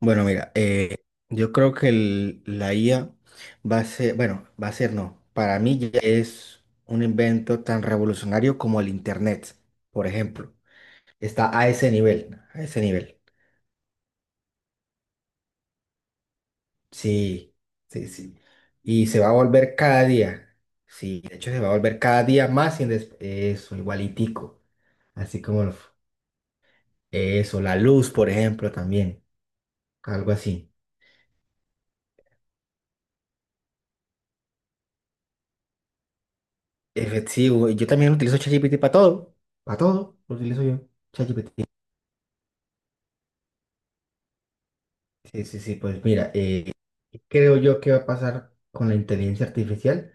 Bueno, mira, yo creo que la IA va a ser, bueno, va a ser no, para mí ya es un invento tan revolucionario como el Internet, por ejemplo. Está a ese nivel, a ese nivel. Sí, sí, sí. Y se va a volver cada día. Sí, de hecho se va a volver cada día más eso, igualitico. Así como lo- Eso, la luz, por ejemplo, también, algo así. Efectivo. Yo también utilizo ChatGPT para todo. Para todo lo utilizo yo. ChatGPT. Sí, sí, sí. Pues mira, ¿creo yo que va a pasar con la inteligencia artificial?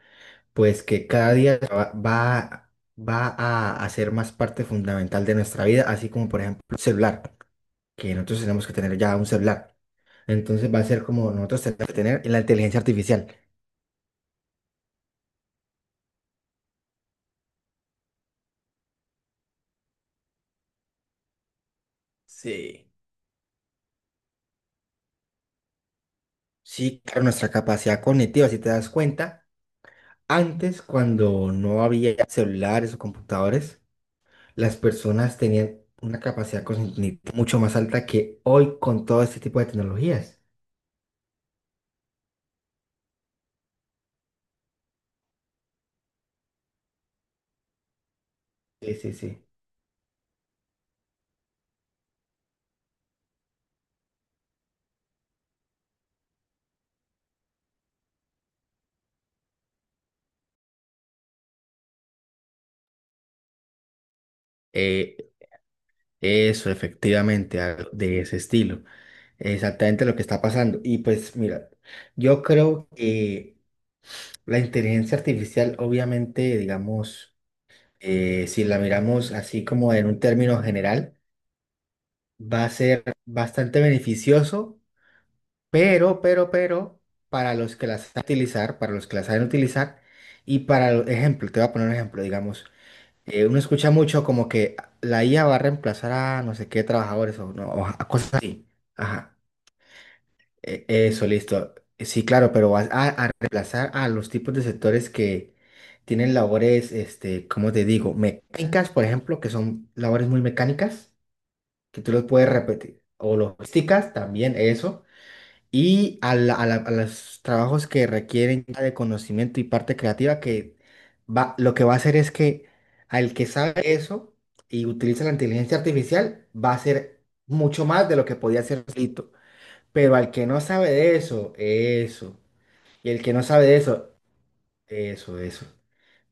Pues que cada día va a hacer más parte fundamental de nuestra vida, así como por ejemplo el celular, que nosotros tenemos que tener ya un celular. Entonces va a ser como nosotros tenemos que tener la inteligencia artificial. Sí. Sí, claro, nuestra capacidad cognitiva, si te das cuenta. Antes, cuando no había celulares o computadores, las personas tenían una capacidad cognitiva mucho más alta que hoy con todo este tipo de tecnologías. Sí, sí, sí. Eh, Eso, efectivamente, algo de ese estilo. Exactamente lo que está pasando. Y pues mira, yo creo que la inteligencia artificial, obviamente, digamos, si la miramos así como en un término general, va a ser bastante beneficioso. Pero, para los que las saben utilizar, para los que las saben utilizar, y ejemplo, te voy a poner un ejemplo, digamos, uno escucha mucho como que la IA va a reemplazar a no sé qué trabajadores o, no, o a cosas así. Ajá, eso, listo. Sí, claro, pero vas a reemplazar a los tipos de sectores que tienen labores, este, ¿cómo te digo? Mecánicas, por ejemplo, que son labores muy mecánicas, que tú los puedes repetir. O logísticas, también eso, y a los trabajos que requieren ya de conocimiento y parte creativa, que lo que va a hacer es que al que sabe eso y utiliza la inteligencia artificial, va a hacer mucho más de lo que podía hacer solito. Pero al que no sabe de eso, eso. Y el que no sabe de eso, eso, eso.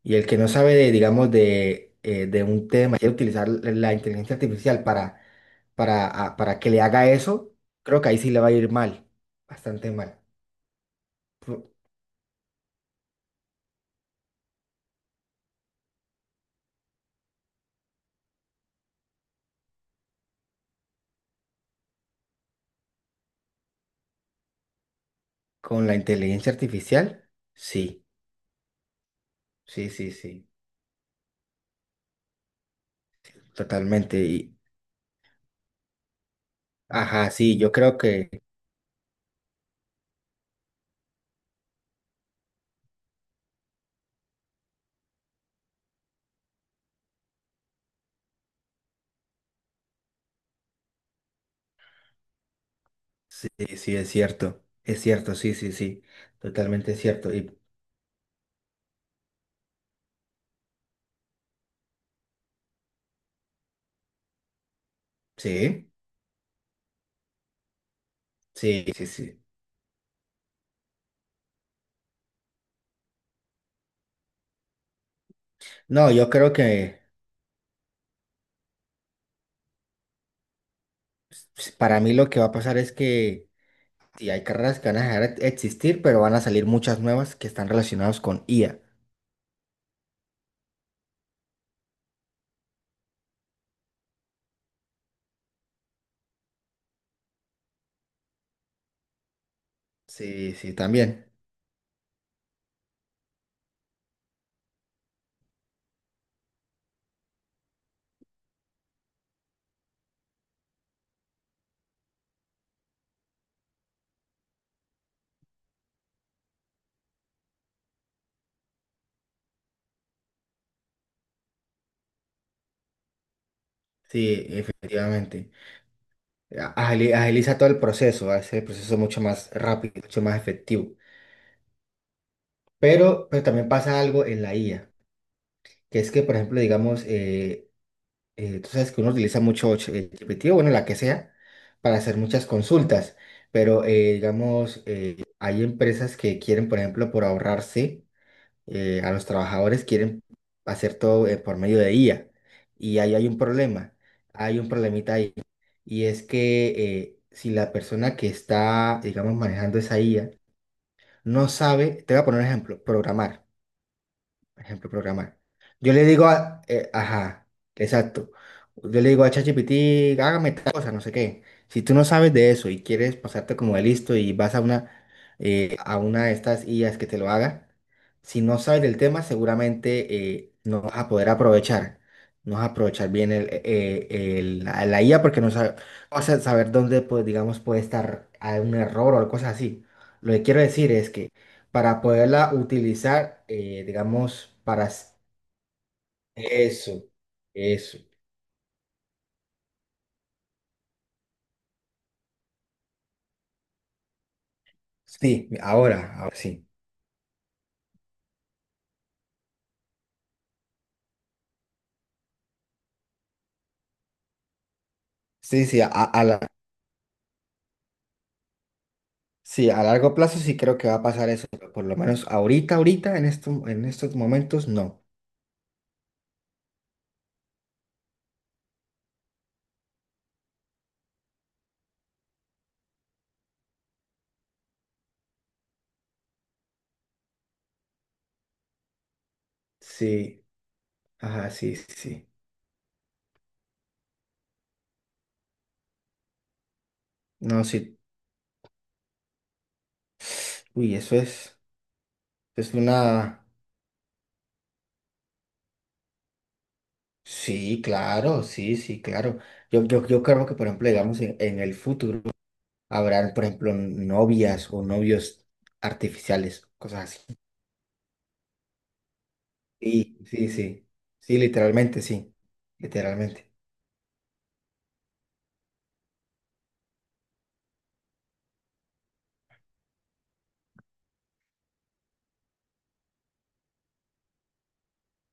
Y el que no sabe de, digamos, de un tema, quiere utilizar la inteligencia artificial para, para que le haga eso, creo que ahí sí le va a ir mal, bastante mal. Con la inteligencia artificial, sí, sí, sí, sí, totalmente. Y, ajá, sí, yo creo que sí, sí, es cierto, sí, sí, sí, totalmente cierto. Y sí, sí, sí, sí. No, yo creo que para mí lo que va a pasar es que sí, hay carreras que van a dejar de existir, pero van a salir muchas nuevas que están relacionadas con IA. Sí, sí, también. Sí, efectivamente. Agiliza todo el proceso, hace el proceso mucho más rápido, mucho más efectivo. Pero también pasa algo en la IA, que es que, por ejemplo, digamos, tú sabes que uno utiliza mucho GPT, o bueno, la que sea, para hacer muchas consultas, pero, digamos, hay empresas que quieren, por ejemplo, por ahorrarse a los trabajadores, quieren hacer todo por medio de IA. Y ahí hay un problema, hay un problemita ahí, y es que si la persona que está, digamos, manejando esa IA no sabe, te voy a poner un ejemplo, programar. Ejemplo, programar. Yo le digo a, ajá, exacto. Yo le digo a ChatGPT, hágame tal cosa, no sé qué. Si tú no sabes de eso y quieres pasarte como de listo y vas a a una de estas IAs que te lo haga, si no sabes del tema, seguramente no vas a poder aprovechar. No vas a aprovechar bien la IA porque no sabes, vas a saber dónde, pues, digamos, puede estar hay un error o cosas así. Lo que quiero decir es que para poderla utilizar, digamos, eso, eso. Sí, ahora, ahora sí. Sí, sí, sí, a largo plazo sí creo que va a pasar eso, pero por lo menos ahorita, ahorita, en esto, en estos momentos, no. Sí, ajá, sí, sí, sí. No, sí. Uy, eso es una... Sí, claro, sí, sí, claro. Yo creo que, por ejemplo, digamos, en el futuro, habrán, por ejemplo, novias o novios artificiales, cosas así. Sí, sí, sí. Sí, literalmente, sí. Literalmente.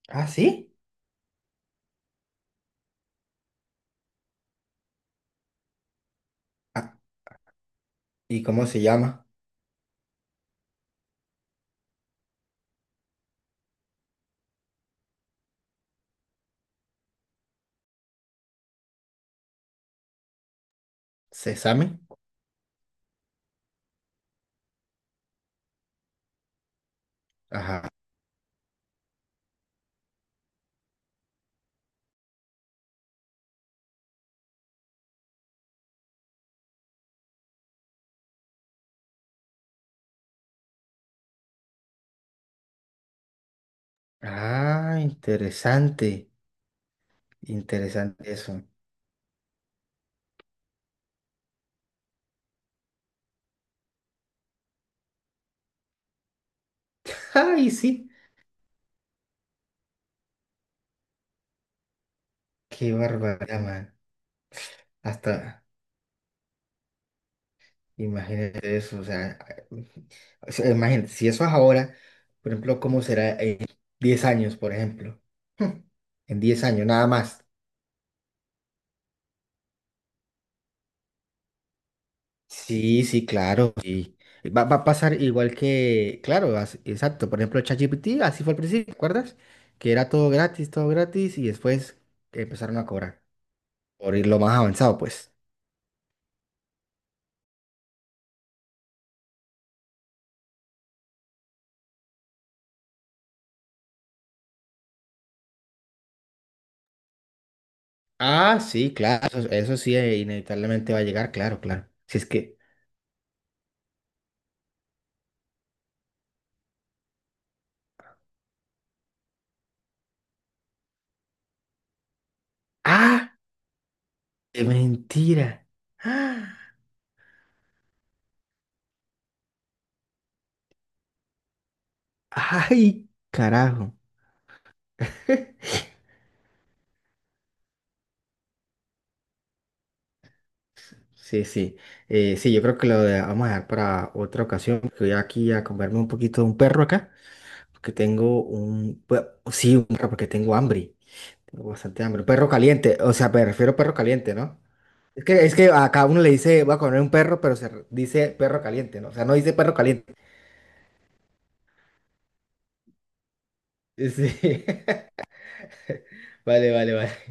Ah, sí. Ah, ¿y cómo se llama? Sésame. Ajá. Ah, interesante. Interesante eso. Ay, sí. Qué barbaridad, man. Hasta imagínate eso. O sea, imagínate, si eso es ahora, por ejemplo, ¿cómo será en 10 años, por ejemplo? En 10 años, nada más. Sí, sí, claro, sí. Va a pasar igual que, claro, exacto. Por ejemplo, ChatGPT, así fue al principio, ¿te acuerdas? Que era todo gratis, y después empezaron a cobrar por ir lo más avanzado, pues. Ah, sí, claro, eso sí, inevitablemente va a llegar, claro, claro. Si es que, ah, qué mentira. ¡Ah! Ay, carajo. Sí, sí. Sí, yo creo que vamos a dejar para otra ocasión, que voy aquí a comerme un poquito de un perro acá. Porque tengo sí, un perro, porque tengo hambre. Tengo bastante hambre. Un perro caliente. O sea, me refiero a perro caliente, ¿no? Es que a cada uno le dice, voy a comer un perro, pero dice perro caliente, ¿no? O sea, no dice perro caliente. Sí. Vale, vale, vale.